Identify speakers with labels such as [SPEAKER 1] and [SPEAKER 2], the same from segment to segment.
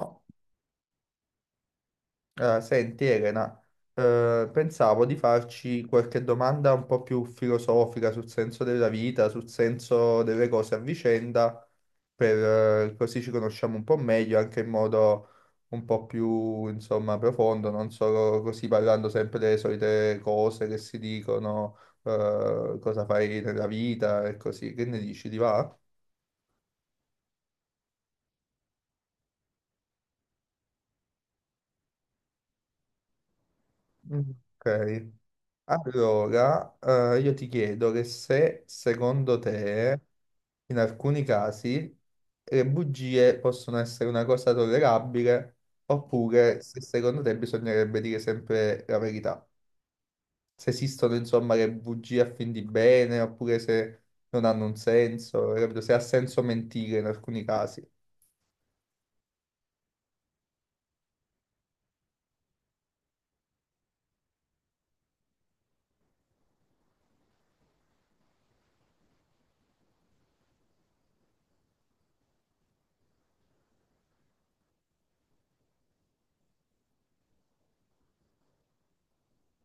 [SPEAKER 1] No. Senti Elena, pensavo di farci qualche domanda un po' più filosofica sul senso della vita, sul senso delle cose a vicenda, per, così ci conosciamo un po' meglio, anche in modo un po' più, insomma, profondo, non solo così parlando sempre delle solite cose che si dicono, cosa fai nella vita e così. Che ne dici, ti va? Mm. Ok, allora, io ti chiedo che se secondo te in alcuni casi le bugie possono essere una cosa tollerabile, oppure se secondo te bisognerebbe dire sempre la verità. Se esistono, insomma, le bugie a fin di bene, oppure se non hanno un senso, capito? Se ha senso mentire in alcuni casi.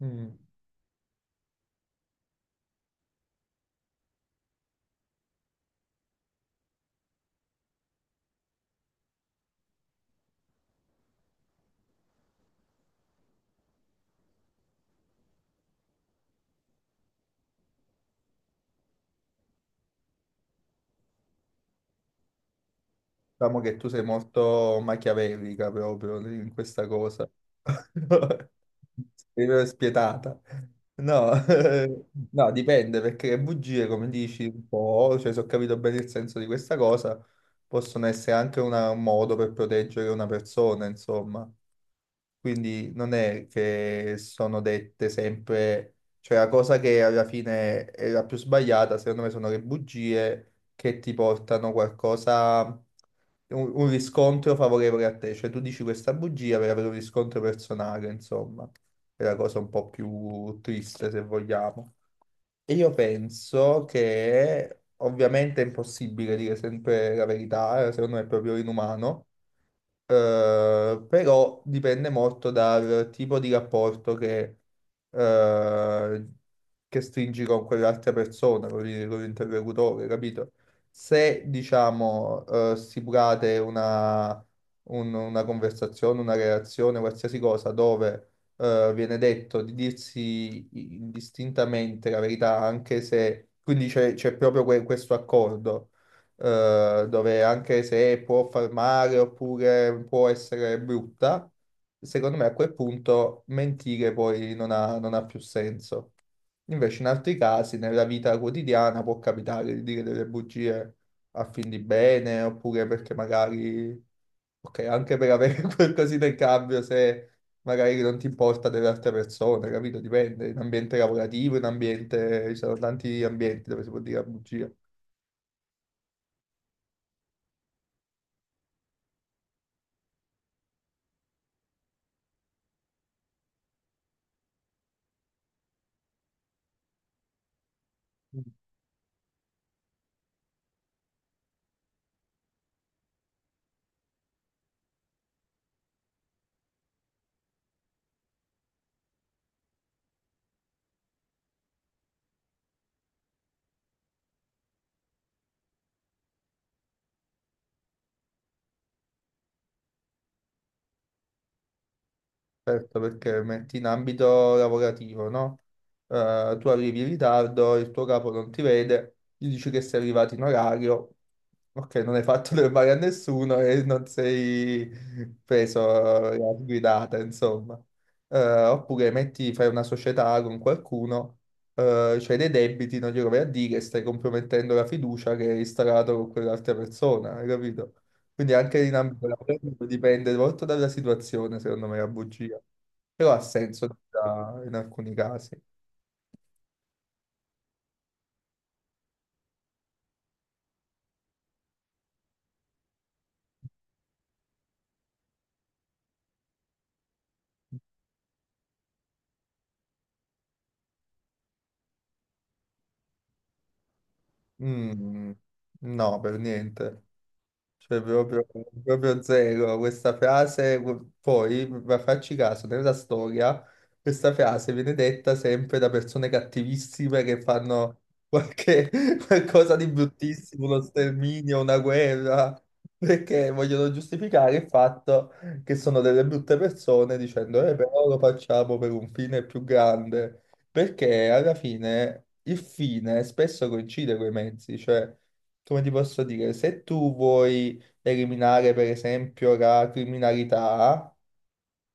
[SPEAKER 1] Mm. Diciamo che tu sei molto machiavellica proprio in questa cosa. Sei proprio spietata. No, no, dipende perché le bugie, come dici, un po', cioè se ho capito bene il senso di questa cosa, possono essere anche un modo per proteggere una persona, insomma. Quindi non è che sono dette sempre, cioè la cosa che alla fine è la più sbagliata, secondo me, sono le bugie che ti portano qualcosa, un riscontro favorevole a te. Cioè tu dici questa bugia per avere un riscontro personale, insomma, è la cosa un po' più triste, se vogliamo. E io penso che ovviamente è impossibile dire sempre la verità, secondo me è proprio inumano. Però dipende molto dal tipo di rapporto eh, che stringi con quell'altra persona, con con l'interlocutore, capito? Se, diciamo, stipulate una conversazione, una relazione, qualsiasi cosa, viene detto di dirsi indistintamente la verità, anche se, quindi c'è proprio questo accordo dove anche se può far male oppure può essere brutta, secondo me a quel punto mentire poi non ha più senso. Invece in altri casi, nella vita quotidiana, può capitare di dire delle bugie a fin di bene, oppure perché magari, ok, anche per avere qualcosina in cambio, se magari non ti importa delle altre persone, capito? Dipende, in ambiente lavorativo, in ambiente, ci sono tanti ambienti dove si può dire la bugia. Certo, perché metti in ambito lavorativo, no? Tu arrivi in ritardo, il tuo capo non ti vede, gli dici che sei arrivato in orario, ok, non hai fatto del male a nessuno e non sei preso la guidata, insomma. Eh, Oppure metti, fai una società con qualcuno, c'hai dei debiti, non glielo vai a dire, stai compromettendo la fiducia che hai instaurato con quell'altra persona, hai capito? Quindi anche in ambito lavorativo dipende molto dalla situazione, secondo me, la bugia. Però ha senso in alcuni casi. Mm, no, per niente. Cioè, proprio, proprio zero questa frase. Poi, ma facci caso, nella storia questa frase viene detta sempre da persone cattivissime che fanno qualche, qualcosa di bruttissimo, uno sterminio, una guerra, perché vogliono giustificare il fatto che sono delle brutte persone dicendo, però lo facciamo per un fine più grande, perché alla fine il fine spesso coincide con i mezzi, cioè come ti posso dire, se tu vuoi eliminare per esempio la criminalità,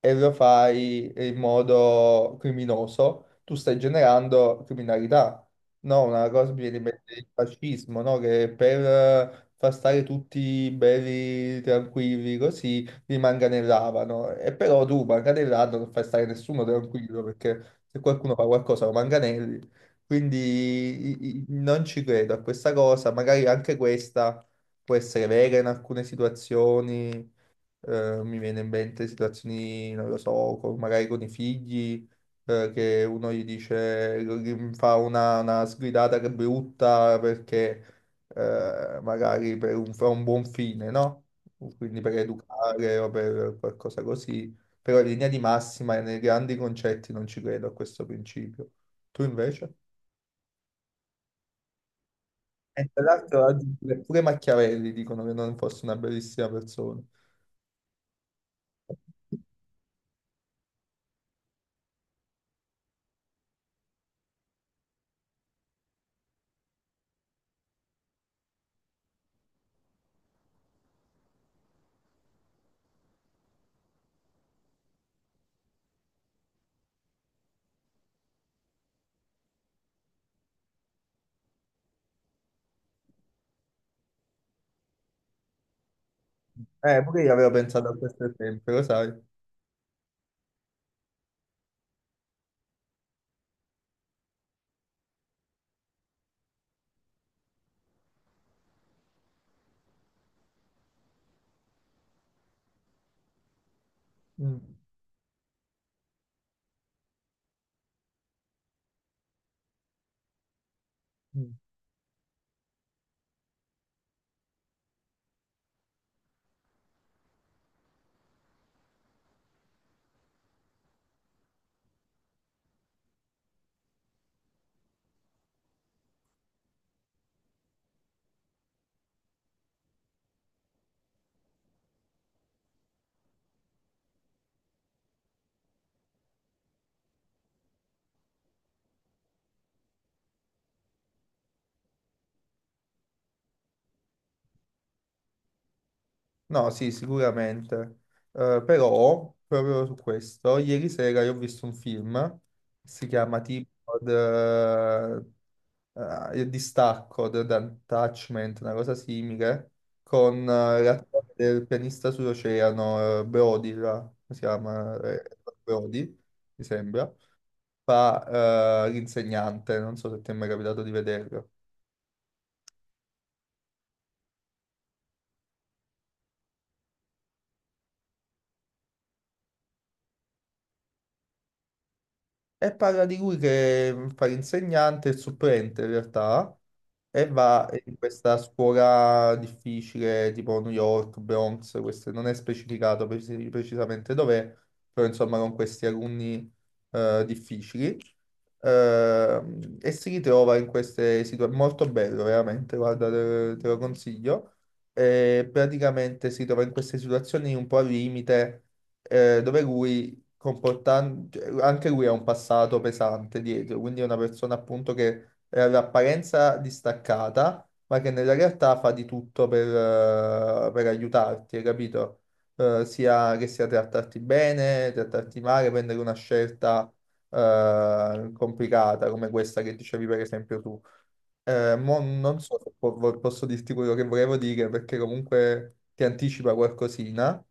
[SPEAKER 1] e lo fai in modo criminoso, tu stai generando criminalità. No, una cosa mi viene in mente il fascismo, no? Che per far stare tutti belli, tranquilli, così li manganellavano. E però tu manganellando non fai stare nessuno tranquillo, perché se qualcuno fa qualcosa lo manganelli. Quindi non ci credo a questa cosa, magari anche questa può essere vera in alcune situazioni. Mi viene in mente situazioni, non lo so, magari con i figli, che uno gli dice, gli fa una sgridata che è brutta perché magari per un, fa un buon fine, no? Quindi per educare o per qualcosa così. Però in linea di massima e nei grandi concetti non ci credo a questo principio. Tu invece? E tra l'altro oggi pure Machiavelli dicono che non fosse una bellissima persona. Pure io avevo pensato a questo sempre, lo sai. Mm, mm. No, sì, sicuramente. Però, proprio su questo, ieri sera io ho visto un film, si chiama tipo Il distacco, The Attachment, una cosa simile, con l'attore del pianista sull'oceano, Brody, là, come si chiama? Brody, mi sembra, fa l'insegnante, non so se ti è mai capitato di vederlo. E parla di lui che fa l'insegnante, il supplente in realtà, e va in questa scuola difficile, tipo New York, Bronx, non è specificato precisamente dov'è, però insomma con questi alunni difficili. E si ritrova in queste situazioni, molto bello veramente, guarda, te, te lo consiglio. E praticamente si trova in queste situazioni un po' al limite, dove lui comportante, anche lui ha un passato pesante dietro, quindi è una persona appunto che è all'apparenza distaccata, ma che nella realtà fa di tutto per aiutarti, hai capito? Sia che sia trattarti bene, trattarti male, prendere una scelta complicata come questa che dicevi per esempio tu. Mo non so se posso dirti quello che volevo dire perché comunque ti anticipa qualcosina.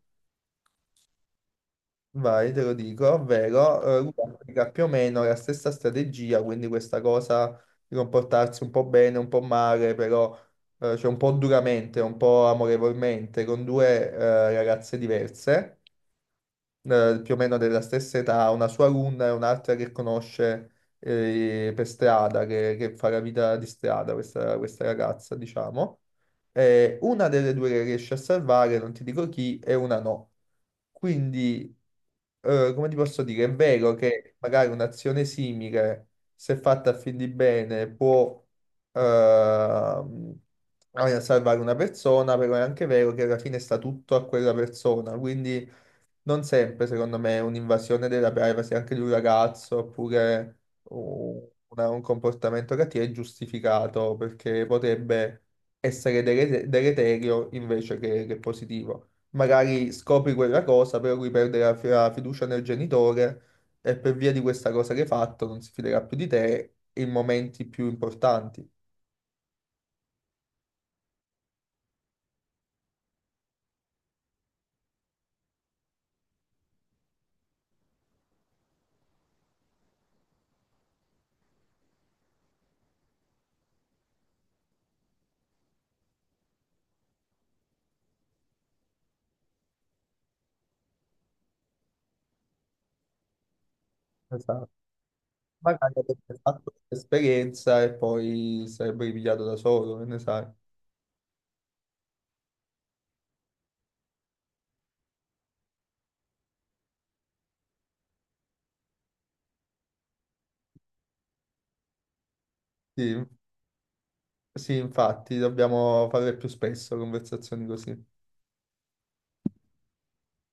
[SPEAKER 1] Vai, te lo dico, ovvero Vai. Lui applica più o meno la stessa strategia, quindi questa cosa di comportarsi un po' bene, un po' male, però cioè un po' duramente, un po' amorevolmente, con due ragazze diverse, più o meno della stessa età, una sua alunna e un'altra che conosce per strada, che fa la vita di strada, questa ragazza, diciamo. Una delle due che riesce a salvare, non ti dico chi, e una no. Quindi come ti posso dire, è vero che magari un'azione simile, se fatta a fin di bene, può ehm, salvare una persona, però è anche vero che alla fine sta tutto a quella persona, quindi non sempre, secondo me, un'invasione della privacy anche di un ragazzo oppure un comportamento cattivo è giustificato perché potrebbe essere deleterio invece che positivo magari scopri quella cosa, però lui perde la, la fiducia nel genitore e per via di questa cosa che hai fatto non si fiderà più di te in momenti più importanti. Esatto. Magari avrebbe fatto l'esperienza e poi sarebbe ripigliato da solo, che ne sai. Sì, sì, infatti, dobbiamo fare più spesso conversazioni così.